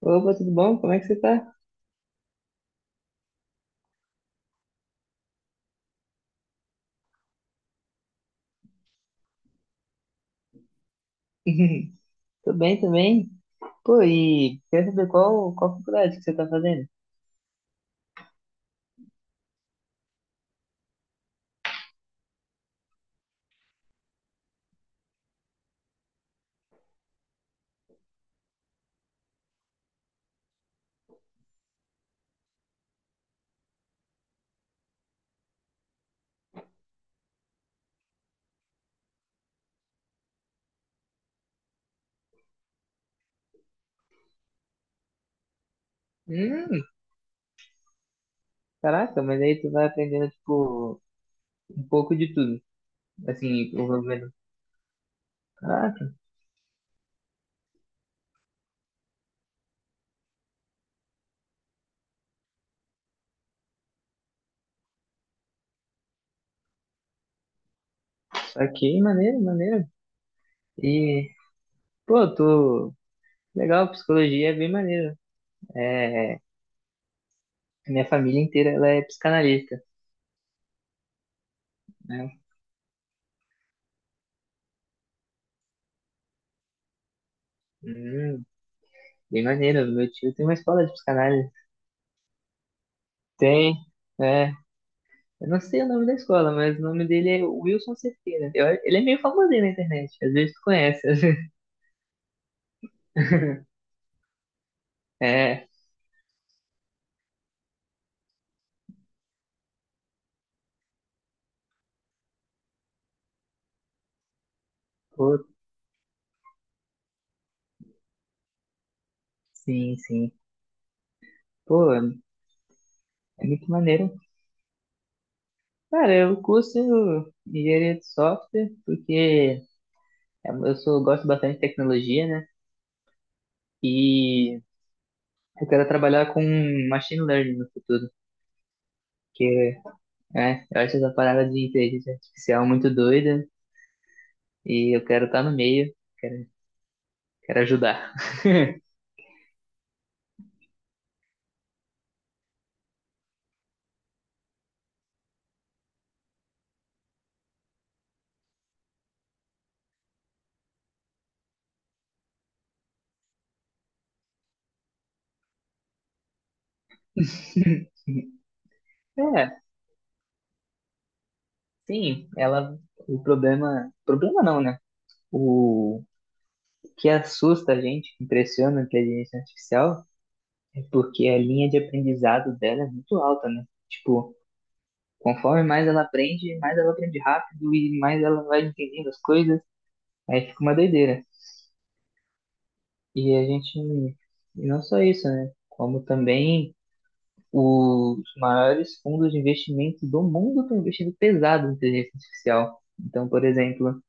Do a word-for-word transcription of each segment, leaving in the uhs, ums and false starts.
Opa, tudo bom? Como é que você tá? Tô bem também. Pô, e quer saber qual, qual faculdade que você tá fazendo? Hum, caraca, mas aí tu vai aprendendo, tipo, um pouco de tudo. Assim, o governo. Caraca, aqui, maneiro, maneiro. E, pô, tô... Legal, psicologia é bem maneiro. É, minha família inteira, ela é psicanalista, né? Hum, bem maneiro. Meu tio tem uma escola de psicanálise. Tem, né? Eu não sei o nome da escola, mas o nome dele é Wilson Cerqueira. Eu- ele é meio famosinho na internet. Às vezes tu conhece. Às vezes- É, pô, sim, sim. Pô, é muito maneiro. Cara, eu curso engenharia de software porque é, eu sou, gosto bastante de tecnologia, né? E eu quero trabalhar com machine learning no futuro. Porque, é, eu acho essa parada de inteligência artificial muito doida e eu quero estar no meio, quero, quero ajudar. É. Sim, ela. O problema. Problema não, né? O que assusta a gente, que impressiona a inteligência artificial, é porque a linha de aprendizado dela é muito alta, né? Tipo, conforme mais ela aprende, mais ela aprende rápido e mais ela vai entendendo as coisas, aí fica uma doideira. E a gente. E não só isso, né? Como também os maiores fundos de investimento do mundo estão investindo pesado em inteligência artificial. Então, por exemplo,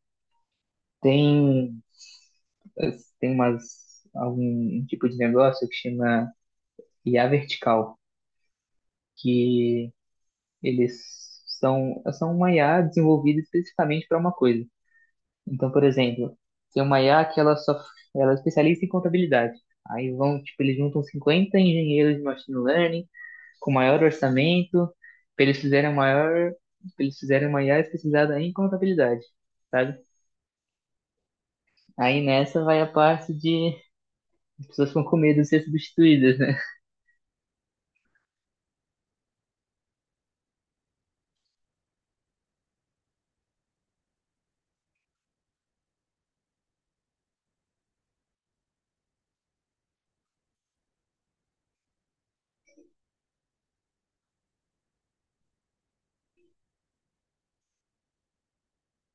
tem tem umas, algum tipo de negócio que chama I A vertical, que eles são, são uma I A desenvolvida especificamente para uma coisa. Então, por exemplo, tem uma I A que ela só ela é especialista em contabilidade. Aí vão, tipo, eles juntam cinquenta engenheiros de machine learning com maior orçamento, pra eles fizerem a maior, pra eles fizerem uma I A especializada em contabilidade, sabe? Aí nessa vai a parte de as pessoas ficam com medo de ser substituídas, né?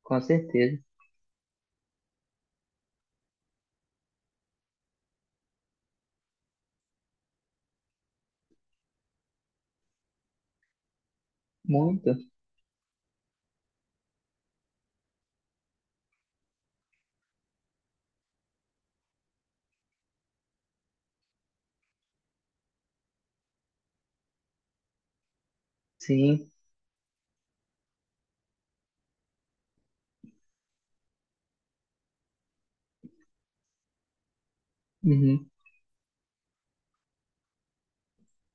Com certeza. Muito, sim. Uhum.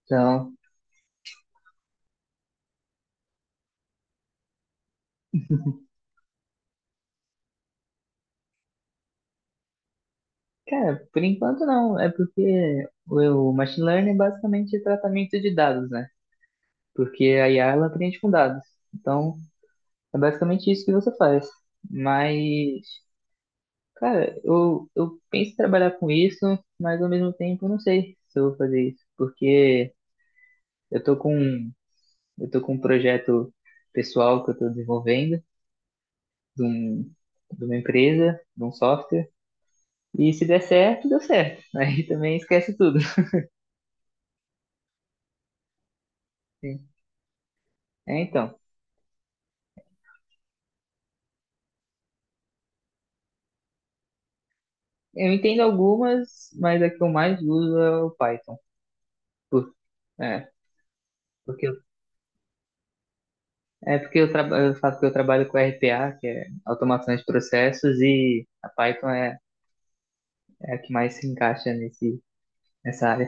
Então, cara, por enquanto não. É porque o o machine learning é basicamente tratamento de dados, né? Porque a I A ela aprende com dados. Então, é basicamente isso que você faz. Mas, cara, eu, eu penso em trabalhar com isso, mas ao mesmo tempo eu não sei se eu vou fazer isso. Porque eu tô com, eu tô com um projeto pessoal que eu tô desenvolvendo, de um, de uma empresa, de um software. E se der certo, deu certo. Aí também esquece tudo. Sim. É, então, eu entendo algumas, mas a que eu mais uso é o Python. Por- É, porque, eu- é porque eu, traba- eu falo que eu trabalho com R P A, que é automação de processos, e a Python é, é a que mais se encaixa nesse, nessa área.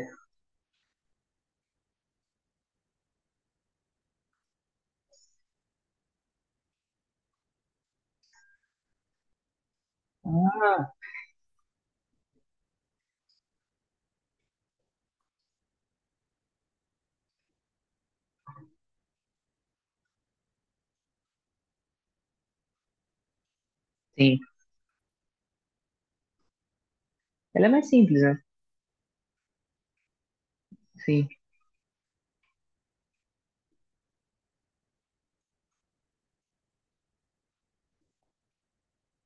Ah, sim, ela é mais simples, né? Sim,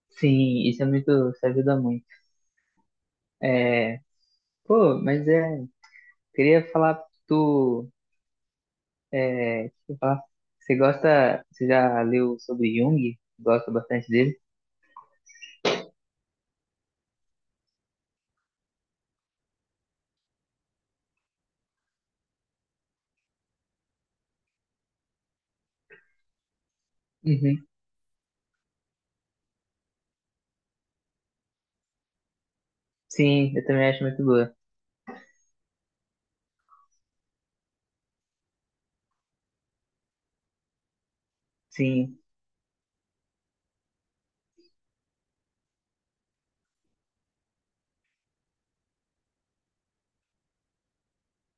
sim, isso é muito, isso ajuda muito. É, pô, mas é, queria falar do É, deixa eu falar. Você gosta, você já leu sobre Jung? Gosta bastante dele? Uhum. Sim, eu também acho muito boa. Sim.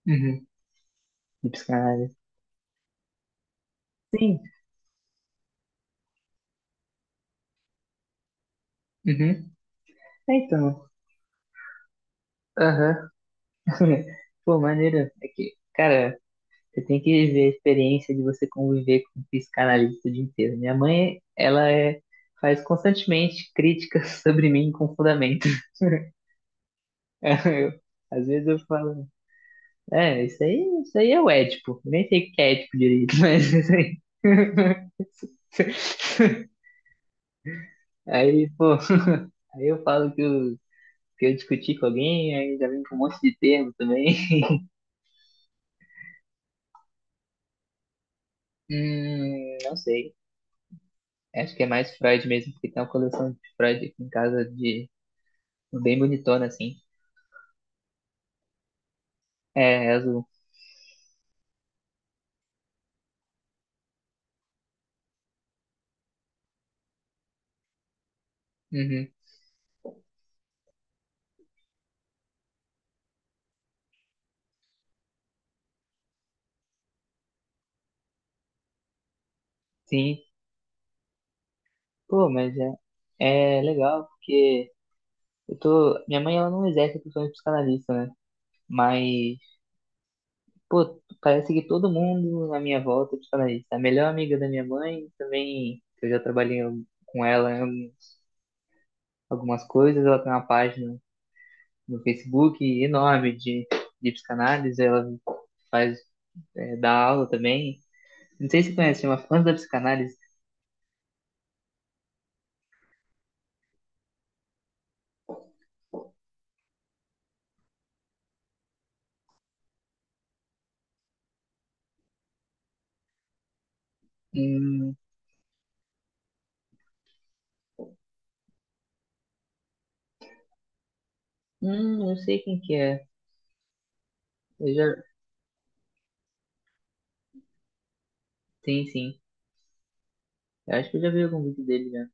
Uhum. De psicanálise. Sim. Uhum. É, então. Aham. Pô, maneiro. É que, cara, você tem que viver a experiência de você conviver com um psicanalista o dia inteiro. Minha mãe, ela é, faz constantemente críticas sobre mim com fundamento. Eu- às vezes eu falo. É, isso aí, isso aí é o Édipo. Nem sei o que é Édipo direito, mas isso aí. Aí, pô, aí eu falo que eu, que eu discuti com alguém, aí já vem com um monte de termo também. Hum, não sei. Acho que é mais Freud mesmo, porque tem uma coleção de Freud aqui em casa de bem bonitona, assim. É, é azul. Uhum, sim. Pô, mas é, é legal, porque eu tô. Minha mãe ela não exerce a função de psicanalista, né? Mas pô, parece que todo mundo à minha volta te fala isso. A melhor amiga da minha mãe também, que eu já trabalhei com ela em alguns- algumas coisas, ela tem uma página no Facebook enorme de, de psicanálise, ela faz, é, dá aula também. Não sei se você conhece, chama Fãs da Psicanálise. Hum, hum, eu sei quem que é. Eu já, sim, sim. Eu acho que eu já vi algum vídeo dele já.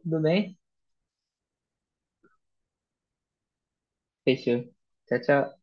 Tudo bem? Fechou. Tchau, tchau.